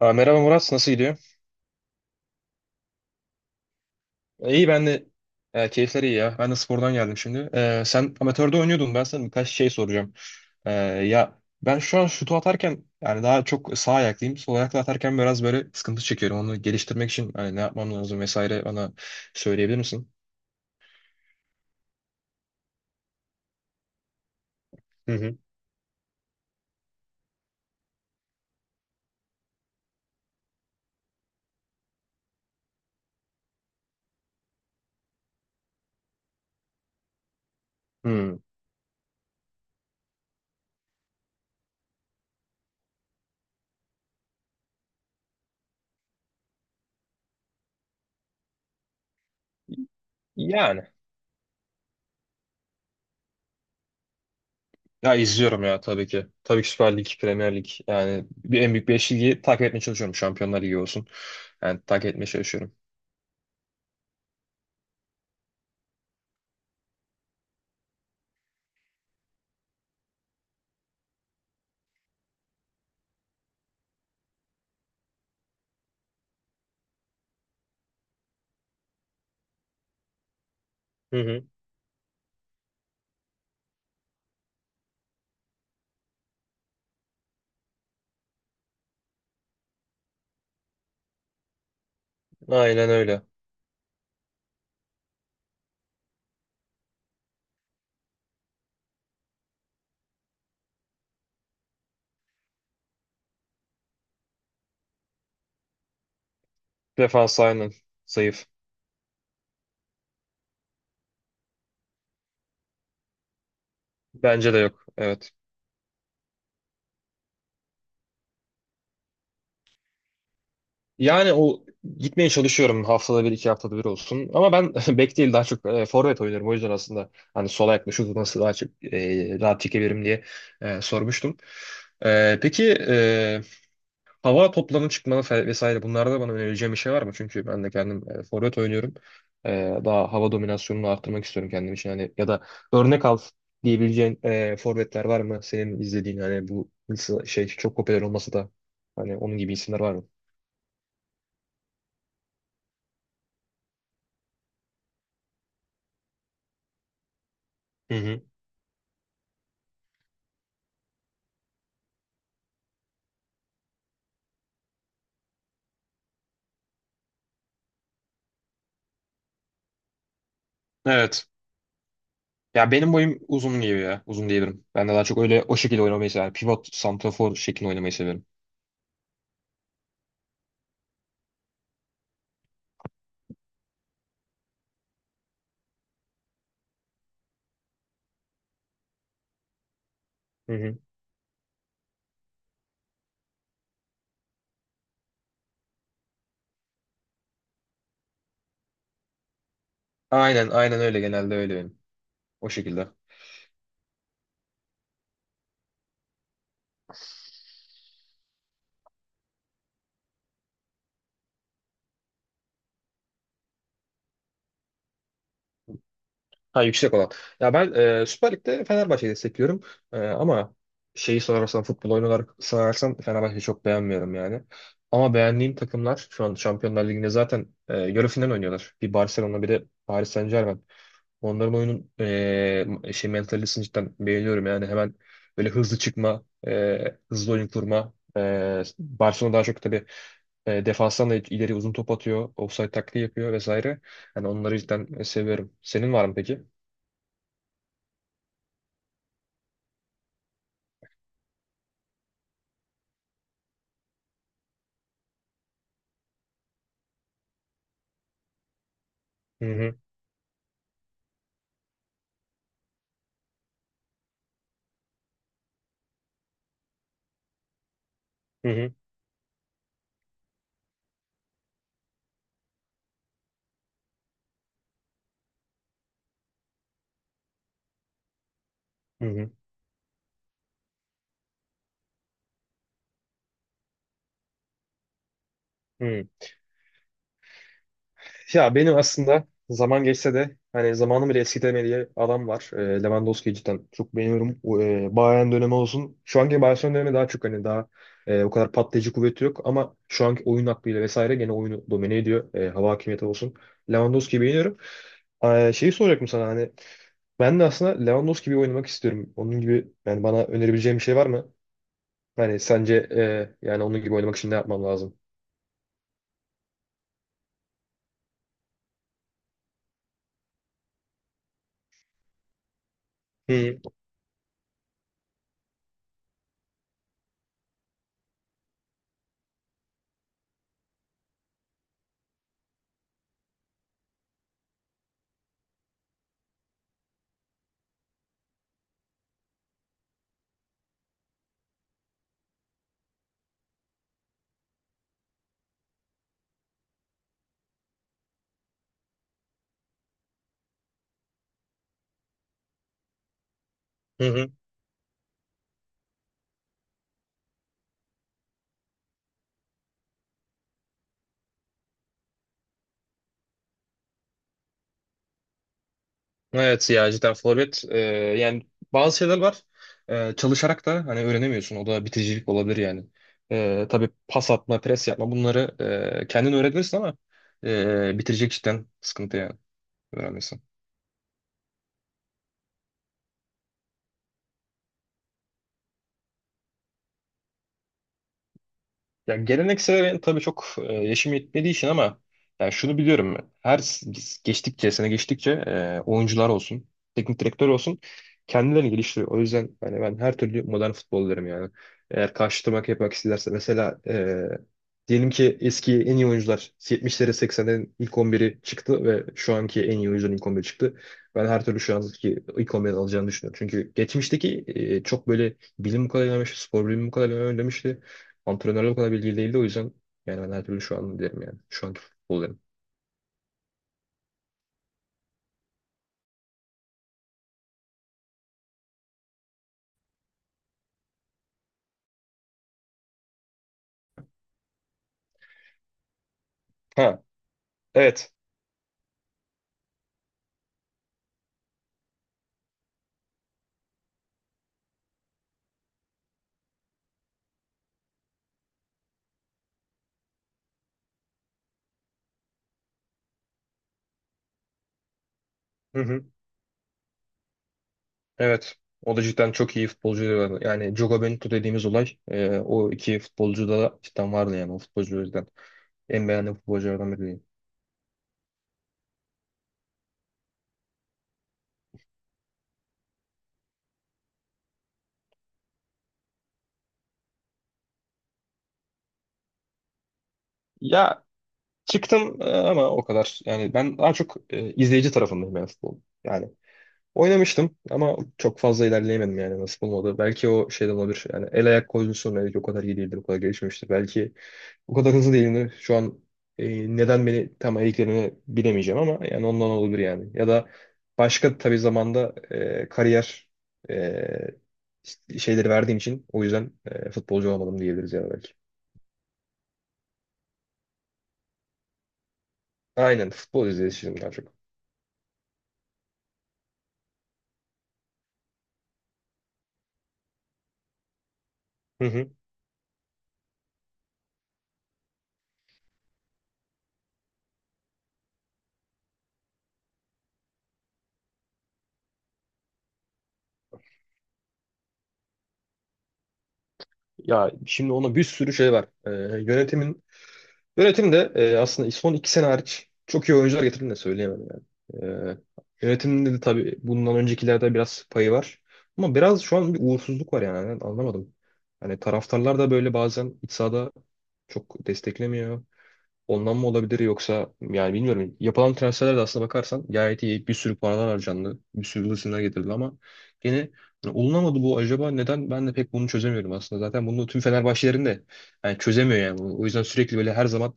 Merhaba Murat, nasıl gidiyor? İyi ben de keyifler iyi ya. Ben de spordan geldim şimdi. E, sen amatörde oynuyordun. Ben sana birkaç şey soracağım. Ya ben şu an şutu atarken yani daha çok sağ ayaklıyım. Sol ayakla atarken biraz böyle sıkıntı çekiyorum. Onu geliştirmek için hani ne yapmam lazım vesaire bana söyleyebilir misin? Hı hı. Hmm. Yani. Ya izliyorum ya tabii ki. Tabii ki Süper Lig, Premier Lig. Yani bir, en büyük beş ligi takip etmeye çalışıyorum. Şampiyonlar Ligi olsun. Yani takip etmeye çalışıyorum. Hı hı. Aynen öyle. Defans aynen zayıf. Bence de yok. Evet. Yani o gitmeye çalışıyorum haftada bir iki haftada bir olsun. Ama ben bek değil daha çok forvet oynuyorum. O yüzden aslında hani sola yaklaşıp nasıl daha çok rahat çekebilirim diye sormuştum. E, peki e, Hava toplarının vesaire bunlarda bana önereceğim bir şey var mı? Çünkü ben de kendim forvet oynuyorum. E, daha hava dominasyonunu arttırmak istiyorum kendim için. Hani ya da örnek al diyebileceğin forvetler var mı? Senin izlediğin hani bu nasıl şey çok popüler olmasa da hani onun gibi isimler var mı? Hı hı. Evet. Ya benim boyum uzun gibi ya. Uzun diyebilirim. Ben de daha çok öyle o şekilde oynamayı severim. Pivot, santrafor şeklinde oynamayı severim. Hı hı. Aynen, aynen öyle genelde öyle benim. O şekilde. Ha yüksek olan. Ya ben Süper Lig'de Fenerbahçe'yi destekliyorum. Ama şeyi sorarsan futbol oyunu olarak sorarsan Fenerbahçe'yi çok beğenmiyorum yani. Ama beğendiğim takımlar şu an Şampiyonlar Ligi'nde zaten yarı final oynuyorlar. Bir Barcelona bir de Paris Saint-Germain. Onların oyunun şey mentalitesini cidden beğeniyorum yani hemen böyle hızlı çıkma, hızlı oyun kurma. E, Barcelona daha çok tabii defanstan da ileri uzun top atıyor, offside taktiği yapıyor vesaire. Yani onları cidden seviyorum. Senin var mı peki? Hı hı, hı hı, hı hı, hı. Ya benim aslında zaman geçse de hani zamanı bile eskitemediği diye adam var. E, Lewandowski'yi cidden çok beğeniyorum. O, E, Bayern dönemi olsun. Şu anki Barcelona dönemi daha çok hani daha o kadar patlayıcı kuvveti yok ama şu anki oyun aklıyla vesaire gene oyunu domine ediyor. E, hava hakimiyeti olsun. Lewandowski'yi beğeniyorum. E, şeyi soracaktım sana hani ben de aslında Lewandowski gibi oynamak istiyorum. Onun gibi yani bana önerebileceğin bir şey var mı? Hani sence yani onun gibi oynamak için ne yapmam lazım? Hı hı, hı hı. Evet ya cidden forvet yani bazı şeyler var. E, çalışarak da hani öğrenemiyorsun o da biticilik olabilir yani tabii pas atma pres yapma bunları kendin öğrenirsin ama bitirecek cidden sıkıntı yani öğrenmesi. Ya geleneksel ben tabii çok yaşım yetmediği için ama yani şunu biliyorum ben. Geçtikçe, sene geçtikçe oyuncular olsun, teknik direktör olsun kendilerini geliştiriyor. O yüzden yani ben her türlü modern futbol derim yani. Eğer karşılamak yapmak isterse mesela diyelim ki eski en iyi oyuncular 70'lere 80'lerin ilk on biri çıktı ve şu anki en iyi oyuncuların ilk 11'i çıktı. Ben her türlü şu anki ilk 11'i alacağını düşünüyorum. Çünkü geçmişteki çok böyle bilim bu kadar ilerlemiş, spor bilimi bu kadar ilerlemişti. Antrenörler o kadar bilgili değildi o yüzden yani ben her türlü şu an derim yani. Şu anki futbol derim. Ha evet. Hı hı. Evet. O da cidden çok iyi futbolcuydu. Yani Jogo Bonito dediğimiz olay o iki futbolcuda da cidden vardı yani o futbolcu en beğendiğim futbolculardan biri diyeyim. Ya çıktım ama o kadar. Yani ben daha çok izleyici tarafındayım yani futbol. Yani oynamıştım ama çok fazla ilerleyemedim yani nasıl olmadı. Belki o şeyden olabilir. Yani el ayak koordinasyonu belki o kadar iyi değildir, o kadar gelişmemiştir. Belki o kadar hızlı değilim. Şu an neden beni tam eliklerini bilemeyeceğim ama yani ondan olabilir yani. Ya da başka tabii zamanda kariyer e, işte şeyleri verdiğim için o yüzden futbolcu olamadım diyebiliriz ya da belki. Aynen futbol izleyicisiyim daha çok. Hı hı. Ya şimdi ona bir sürü şey var. E, yönetimin Yönetimde aslında son iki sene hariç çok iyi oyuncular getirdiğini de söyleyemem yani. E, yönetimde de tabii bundan öncekilerde biraz payı var. Ama biraz şu an bir uğursuzluk var yani. Ben anlamadım. Hani taraftarlar da böyle bazen iç sahada çok desteklemiyor. Ondan mı olabilir yoksa yani bilmiyorum. Yapılan transferler de aslına bakarsan gayet iyi. Bir sürü paralar harcandı. Bir sürü yıldız isimler getirildi ama yine hani olunamadı bu acaba neden ben de pek bunu çözemiyorum aslında. Zaten bunu tüm Fenerbahçelerin de yani çözemiyor yani bunu. O yüzden sürekli böyle her zaman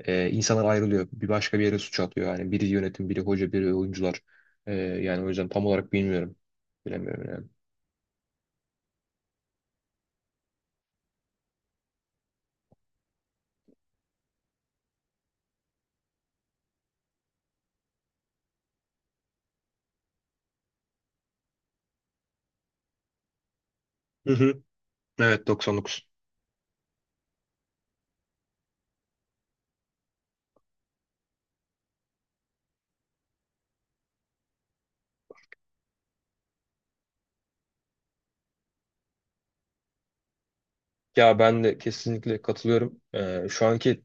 insanlar ayrılıyor. Bir başka bir yere suç atıyor. Yani biri yönetim, biri hoca, biri oyuncular. Yani o yüzden tam olarak bilmiyorum. Bilemiyorum yani. Hı hı. Evet 99. Ya ben de kesinlikle katılıyorum. Şu anki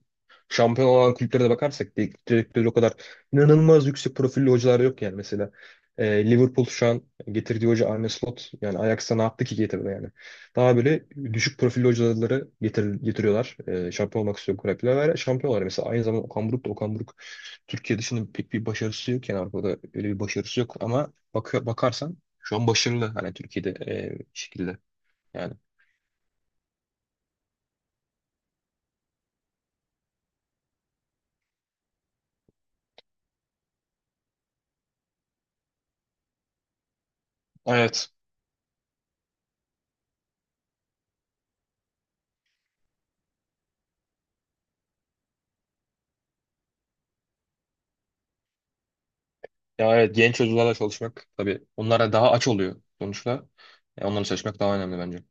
şampiyon olan kulüplere de bakarsak teknik direktörü o kadar inanılmaz yüksek profilli hocalar yok yani mesela. Liverpool şu an getirdiği hoca Arne Slot yani Ajax'a ne yaptı ki getirdi yani. Daha böyle düşük profilli hocaları getir, getiriyorlar. Şampiyon olmak istiyor kulüpler ve şampiyonlar. Mesela aynı zamanda Okan Buruk Türkiye dışında pek bir başarısı yok yani Avrupa'da öyle bir başarısı yok ama bakıyor, bakarsan şu an başarılı hani Türkiye'de bir şekilde yani. Evet. Ya evet genç çocuklarla çalışmak tabii onlara daha aç oluyor sonuçta. E, onlarla çalışmak daha önemli bence.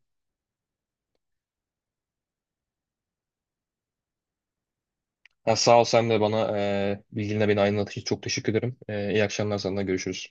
Ha, sağ ol sen de bana bilginle beni aydınlattığın için çok teşekkür ederim. E, iyi akşamlar sana görüşürüz.